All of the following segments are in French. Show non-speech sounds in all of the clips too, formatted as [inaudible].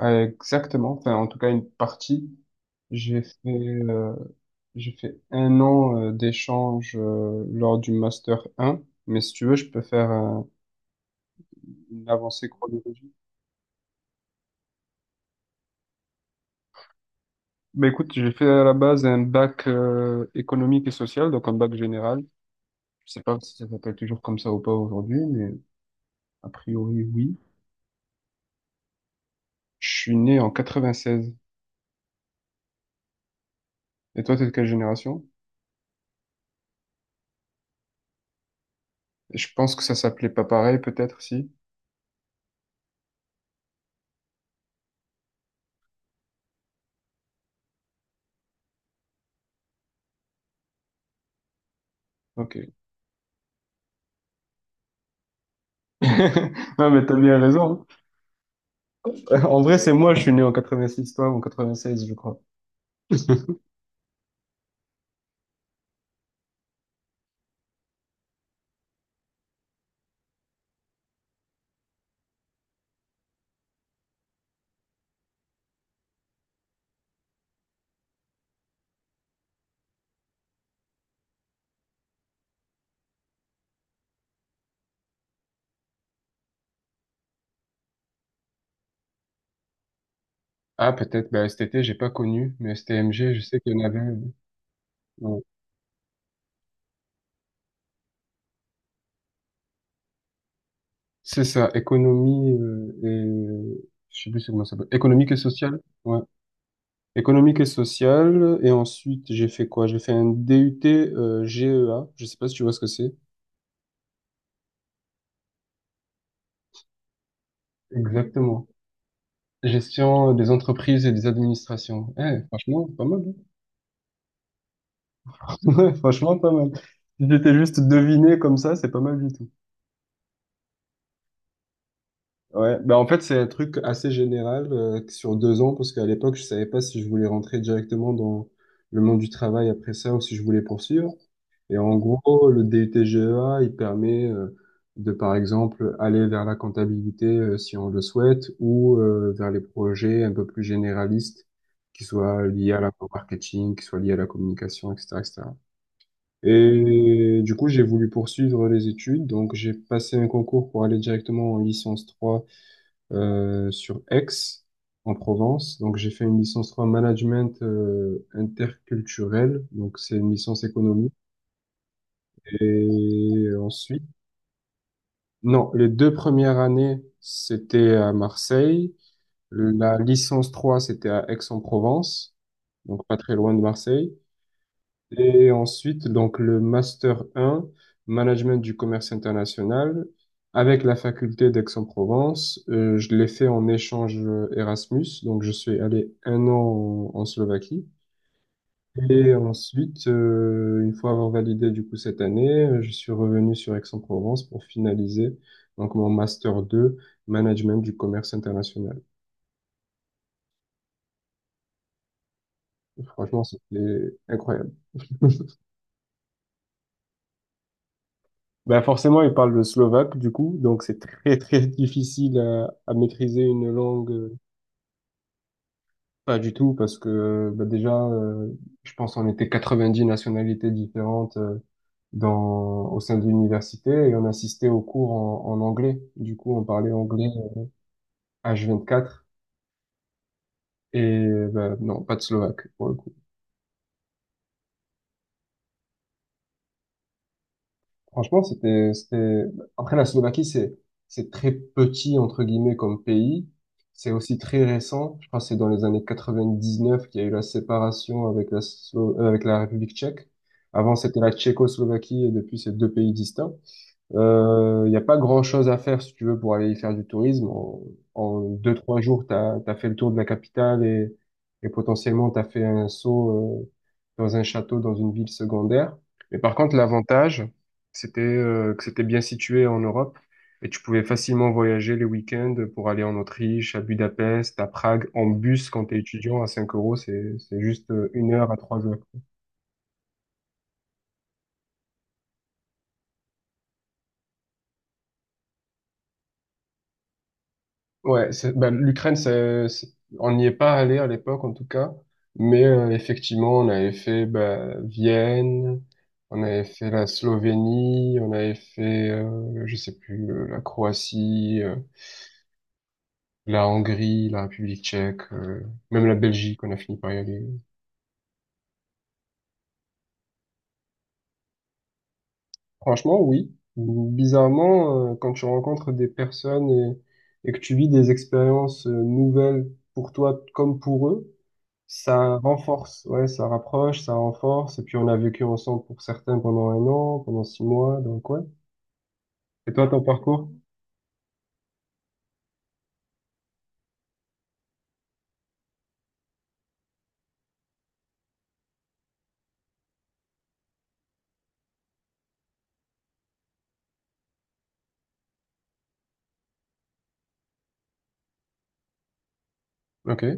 Ouais, exactement. Enfin, en tout cas, une partie. J'ai fait, euh, j'ai fait un an d'échange lors du Master 1. Mais si tu veux, je peux faire une avancée chronologique. Bah écoute, j'ai fait à la base un bac économique et social, donc un bac général. Je sais pas si ça s'appelle toujours comme ça ou pas aujourd'hui, mais a priori, oui. Je suis né en quatre-vingt seize. Et toi, t'es de quelle génération? Je pense que ça s'appelait pas pareil, peut-être, si? Ok. [laughs] Non, mais t'as bien raison, hein. [laughs] En vrai, c'est moi, je suis né en 86, toi, ou en 96, je crois. [laughs] Ah, peut-être, bah, cet été, j'ai pas connu, mais STMG, je sais qu'il y en avait, ouais. C'est ça, économie et... je sais plus c'est comment ça s'appelle. Économique et sociale? Ouais. Économique et sociale. Et ensuite, j'ai fait quoi? J'ai fait un DUT GEA. Je sais pas si tu vois ce que c'est. Exactement. Gestion des entreprises et des administrations. Eh, franchement, pas mal, hein. [laughs] Ouais, franchement, pas mal. Si j'étais juste deviné comme ça, c'est pas mal du tout. Ouais, bah en fait c'est un truc assez général sur 2 ans parce qu'à l'époque je savais pas si je voulais rentrer directement dans le monde du travail après ça ou si je voulais poursuivre. Et en gros le DUT GEA il permet de par exemple aller vers la comptabilité si on le souhaite ou vers les projets un peu plus généralistes qui soient liés à au marketing, qui soient liés à la communication, etc., etc. Et cetera. Et du coup j'ai voulu poursuivre les études donc j'ai passé un concours pour aller directement en licence 3 sur Aix, en Provence. Donc, j'ai fait une licence 3 management interculturel. Donc, c'est une licence économique. Et ensuite, non, les deux premières années, c'était à Marseille. La licence 3, c'était à Aix-en-Provence, donc pas très loin de Marseille. Et ensuite, donc, le Master 1, Management du commerce international, avec la faculté d'Aix-en-Provence. Je l'ai fait en échange Erasmus, donc je suis allé un an en Slovaquie. Et ensuite, une fois avoir validé du coup cette année, je suis revenu sur Aix-en-Provence pour finaliser donc mon Master 2, Management du commerce international. Franchement, c'était incroyable. Ben forcément, il parle le slovaque, du coup, donc c'est très très [laughs] difficile à maîtriser une langue, pas du tout, parce que ben déjà, je pense qu'on était 90 nationalités différentes au sein de l'université et on assistait aux cours en anglais. Du coup, on parlait anglais H24 et ben, non, pas de slovaque. Franchement, après la Slovaquie, c'est très petit, entre guillemets, comme pays. C'est aussi très récent. Je crois que c'est dans les années 99 qu'il y a eu la séparation avec avec la République tchèque. Avant, c'était la Tchécoslovaquie et depuis, c'est deux pays distincts. Il n'y a pas grand-chose à faire si tu veux pour aller y faire du tourisme. En deux, trois jours, t'as fait le tour de la capitale et potentiellement t'as fait un saut dans un château, dans une ville secondaire. Mais par contre, l'avantage, c'était que c'était bien situé en Europe et tu pouvais facilement voyager les week-ends pour aller en Autriche, à Budapest, à Prague, en bus quand t'es étudiant à 5 euros. C'est juste une heure à 3 heures. Ouais, ben, l'Ukraine, on n'y est pas allé à l'époque en tout cas, mais effectivement, on avait fait ben, Vienne, on avait fait la Slovénie, on avait fait, je sais plus, la Croatie, la Hongrie, la République tchèque, même la Belgique, on a fini par y aller. Franchement, oui. Bizarrement, quand tu rencontres des personnes et que tu vis des expériences nouvelles pour toi comme pour eux, ça renforce, ouais, ça rapproche, ça renforce. Et puis on a vécu ensemble pour certains pendant un an, pendant 6 mois, donc ouais. Et toi, ton parcours? Ok.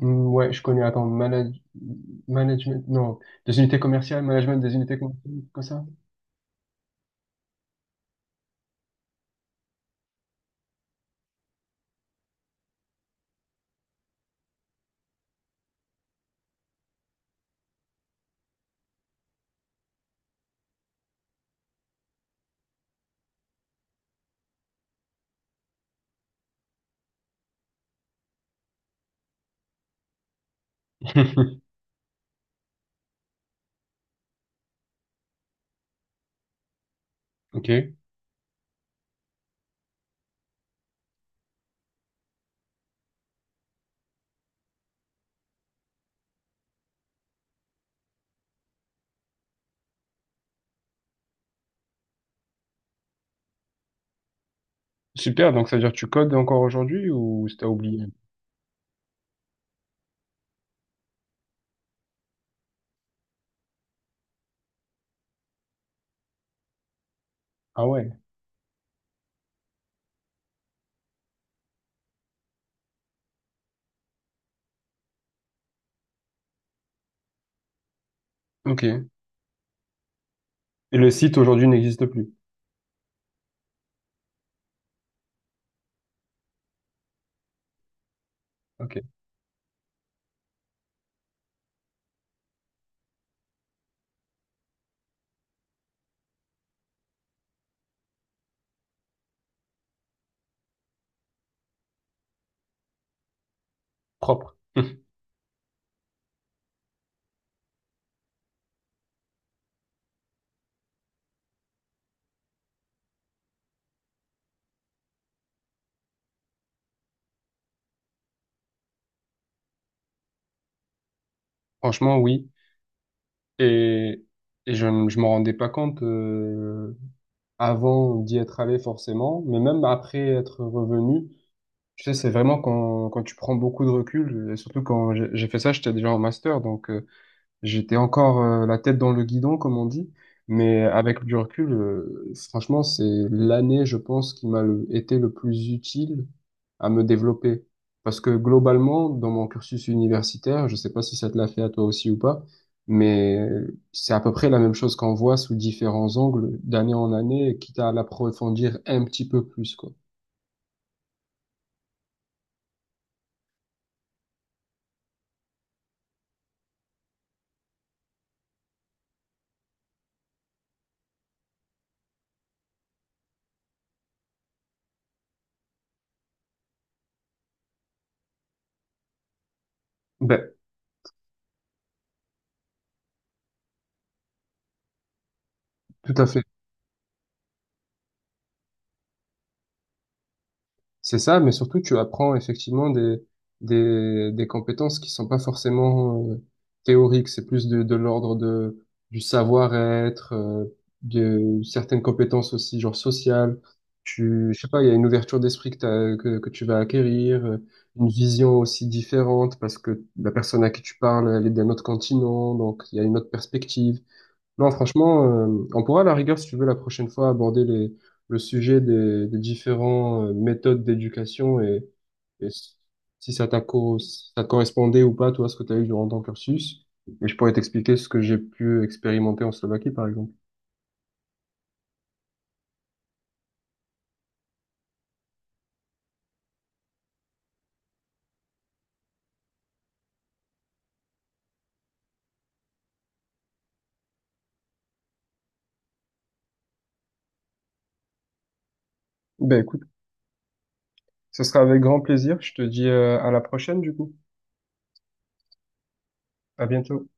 Hmm, ouais, je connais, attends, management, non, des unités commerciales, management des unités commerciales, comme ça? [laughs] Ok. Super, donc ça veut dire que tu codes encore aujourd'hui ou si t'as oublié? Ah ouais. Ok. Et le site aujourd'hui n'existe plus. Ok. Propre. [laughs] Franchement, oui. Et, et je m'en rendais pas compte, avant d'y être allé forcément, mais même après être revenu, tu sais, c'est vraiment quand, tu prends beaucoup de recul, et surtout quand j'ai fait ça, j'étais déjà en master, donc j'étais encore la tête dans le guidon, comme on dit, mais avec du recul, franchement, c'est l'année, je pense, qui m'a été le plus utile à me développer. Parce que globalement, dans mon cursus universitaire, je sais pas si ça te l'a fait à toi aussi ou pas, mais c'est à peu près la même chose qu'on voit sous différents angles d'année en année, quitte à l'approfondir un petit peu plus, quoi. Ben, tout à fait. C'est ça, mais surtout tu apprends effectivement des compétences qui sont pas forcément théoriques, c'est plus de l'ordre de du savoir-être, de certaines compétences aussi genre sociales. Je sais pas, il y a une ouverture d'esprit que, t'as- que tu vas acquérir, une vision aussi différente parce que la personne à qui tu parles, elle est d'un autre continent, donc il y a une autre perspective. Non, franchement, on pourra à la rigueur, si tu veux, la prochaine fois aborder le sujet des différentes méthodes d'éducation et si ça te correspondait ou pas, toi, ce que tu as eu durant ton cursus. Et je pourrais t'expliquer ce que j'ai pu expérimenter en Slovaquie, par exemple. Ben écoute, ce sera avec grand plaisir. Je te dis à la prochaine, du coup. À bientôt.